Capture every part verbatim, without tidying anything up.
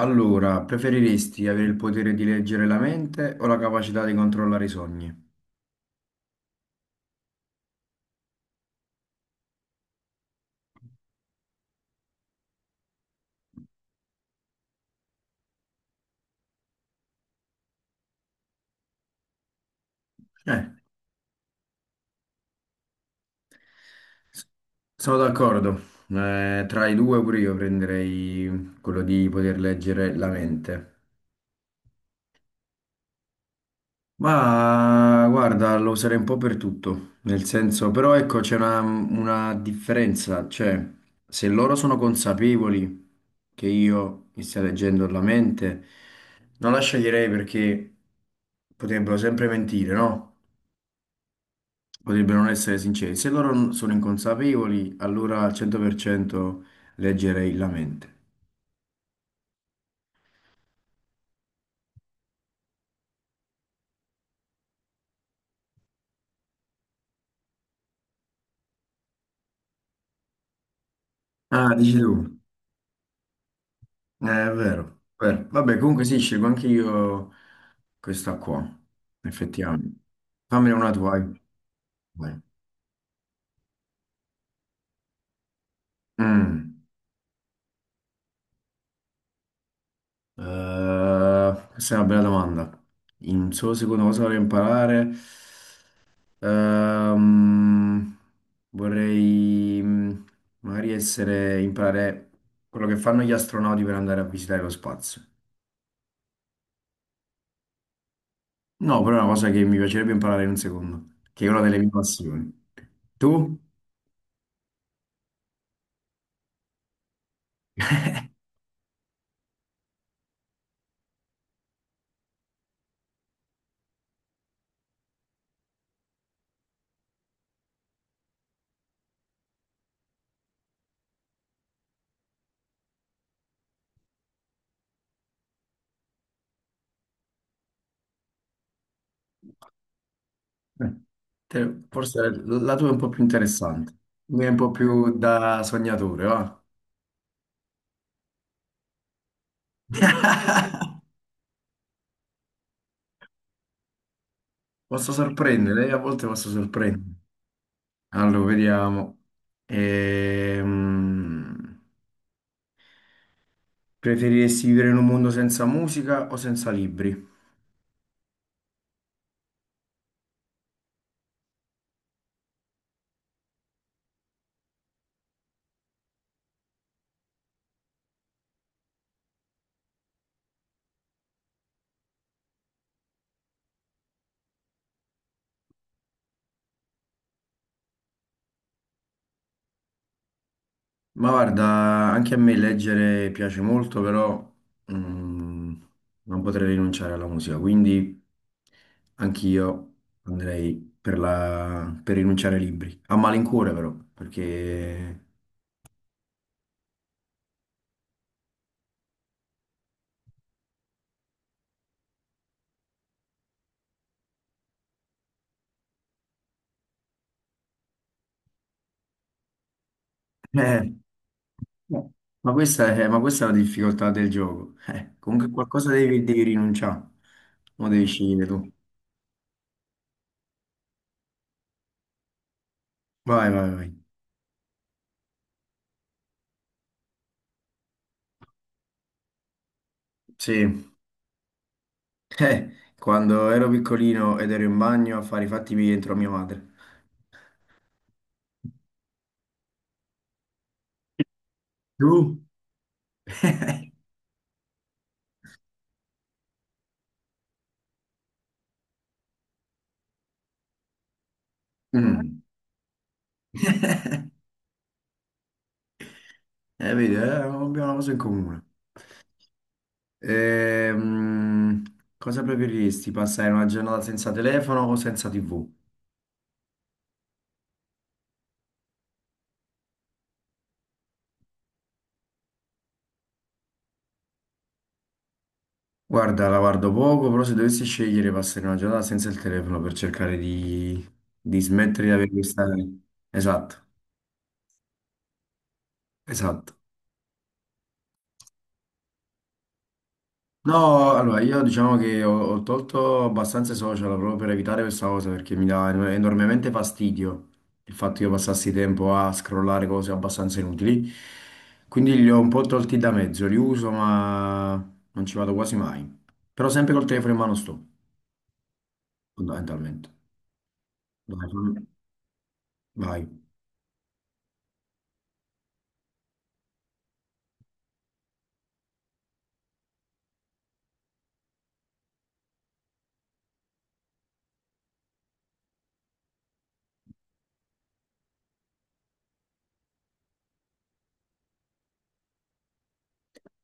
Allora, preferiresti avere il potere di leggere la mente o la capacità di controllare i sogni? Eh, sono d'accordo. Eh, tra i due pure io prenderei quello di poter leggere la mente. Ma guarda, lo userei un po' per tutto, nel senso, però ecco, c'è una, una differenza, cioè, se loro sono consapevoli che io mi stia leggendo la mente, non la sceglierei perché potrebbero sempre mentire, no? Potrebbero non essere sinceri. Se loro non sono inconsapevoli, allora al cento per cento leggerei la mente. Ah, dici tu. Eh, è vero, è vero. Vabbè, comunque sì, scelgo anche io questa qua, effettivamente. Fammene una tua. Vai. Vai. Mm. Eh, questa è una bella domanda. In solo secondo cosa vorrei imparare? Ehm, vorrei mh, magari essere, imparare quello che fanno gli astronauti per andare a visitare lo spazio. No, però è una cosa che mi piacerebbe imparare in un secondo, che è una delle mie passioni. Tu? Eh, te- forse la la tua è un po' più interessante, la mia è un po' più da sognatore, va? Posso sorprendere, eh, a volte posso sorprendere. Allora, vediamo. Ehm, Preferiresti vivere in un mondo senza musica o senza libri? Ma guarda, anche a me leggere piace molto, però mm, non potrei rinunciare alla musica, quindi anch'io andrei per la- per rinunciare ai libri. A malincuore però, perché... eh, no. ma questa è, ma questa è la difficoltà del gioco. Eh, comunque qualcosa devi, devi rinunciare, lo devi scegliere tu. Vai, vai, vai. Sì. Eh, quando ero piccolino ed ero in bagno a fare i fatti miei dentro a mia madre. Tu? Mm. Eh, vedi, eh, abbiamo una cosa in comune. Ehm, cosa preferiresti, passare una giornata senza telefono o senza T V? Guarda, la guardo poco, però se dovessi scegliere passare una giornata senza il telefono per cercare di, di smettere di avere questa... Esatto, esatto. No, allora io diciamo che ho, ho tolto abbastanza i social proprio per evitare questa cosa perché mi dà en- enormemente fastidio il fatto che io passassi tempo a scrollare cose abbastanza inutili. Quindi li ho un po' tolti da mezzo, li uso ma non ci vado quasi mai. Però sempre col telefono in mano sto, fondamentalmente. Dai, fammi- vai.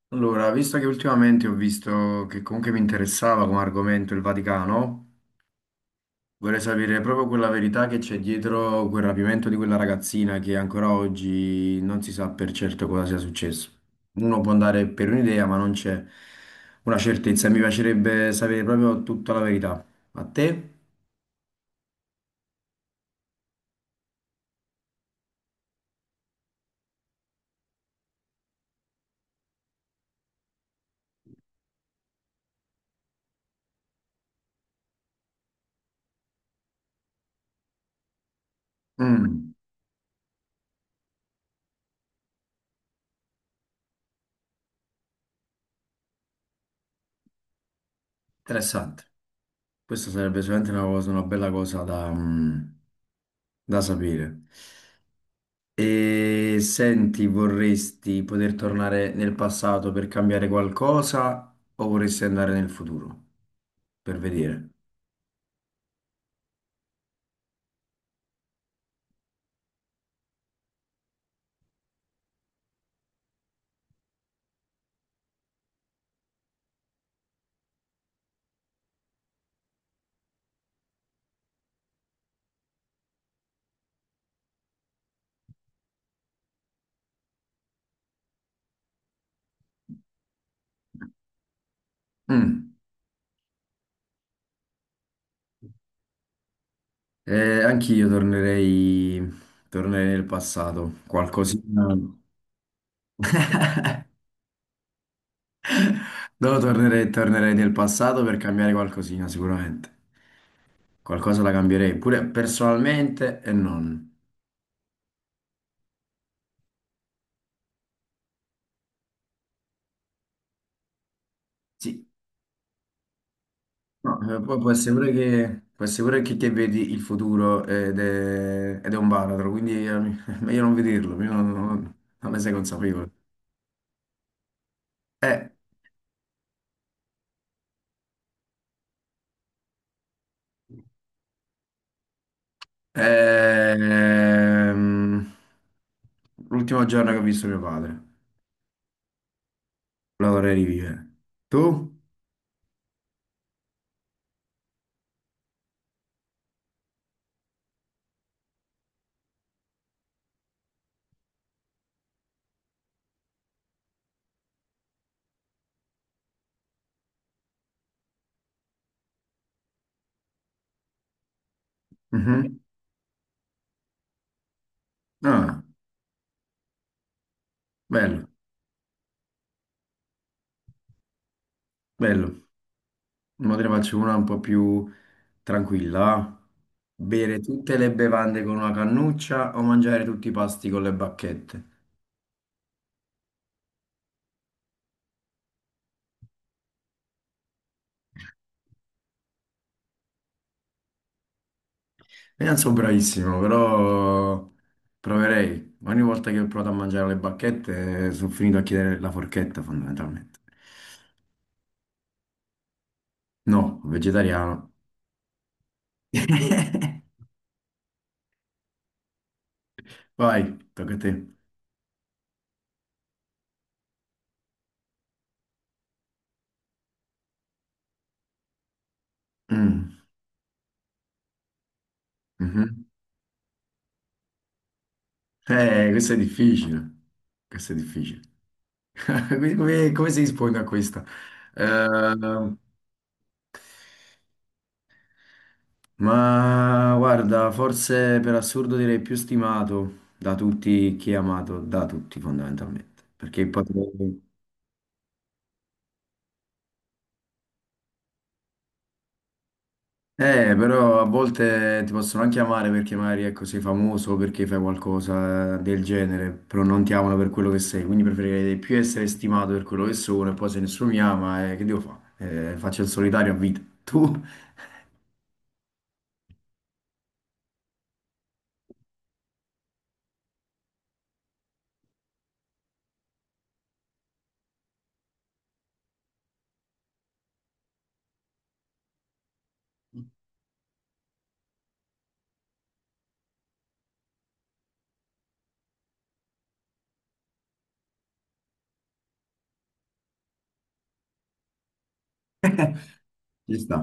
Allora, visto che ultimamente ho visto che comunque mi interessava come argomento il Vaticano, vorrei sapere proprio quella verità che c'è dietro quel rapimento di quella ragazzina che ancora oggi non si sa per certo cosa sia successo. Uno può andare per un'idea, ma non c'è una certezza. Mi piacerebbe sapere proprio tutta la verità. A te? Mm, interessante. Questa sarebbe sicuramente una cosa, una bella cosa da, mm, da sapere. E senti, vorresti poter tornare nel passato per cambiare qualcosa o vorresti andare nel futuro per vedere? Mm. Eh, anch'io tornerei, tornerei nel passato, qualcosina. No, tornerei, tornerei nel passato per cambiare qualcosina, sicuramente. Qualcosa la cambierei, pure personalmente e non. Sì. No, eh, poi può essere pure che, può essere pure che, che vedi il futuro ed è, ed è un baratro, quindi eh, è meglio non vederlo, io non, non- non ne sei consapevole. Eh, ehm, l'ultimo giorno che ho visto mio padre, lo vorrei rivivere. Tu? Mhm. Ah, bello, bello. Ora te ne faccio una un po' più tranquilla. Ah. Bere tutte le bevande con una cannuccia o mangiare tutti i pasti con le bacchette? Io non sono bravissimo, però proverei. Ogni volta che ho provato a mangiare le bacchette, eh, sono finito a chiedere la forchetta, fondamentalmente. No, vegetariano. Vai, tocca a te. Mm, mhm. Eh, questo è difficile. Questo è difficile. Come, come- come si risponde a questa? Eh, ma guarda, forse per assurdo direi più stimato da tutti chi è amato, da tutti fondamentalmente. Perché potrei... Eh, però a volte ti possono anche amare perché magari ecco, sei famoso, perché fai qualcosa del genere, però non ti amano per quello che sei, quindi preferirei più essere stimato per quello che sono e poi se nessuno mi ama, eh, che devo fare? Eh, faccio il solitario a vita. Tu? Ci sta.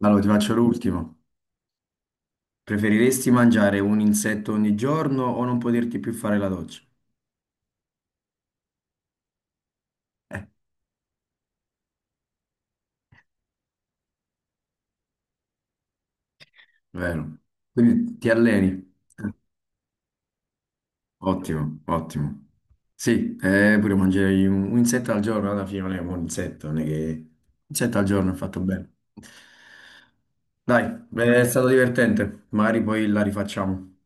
Allora ti faccio l'ultimo. Preferiresti mangiare un insetto ogni giorno o non poterti più fare la doccia? Eh, vero. Quindi ti alleni. Eh. Ottimo, ottimo. Sì, eh, pure mangiare un, un insetto al giorno, alla fine non è un insetto, non è che... Un insetto al giorno è fatto bene. Dai, è stato divertente, magari poi la rifacciamo.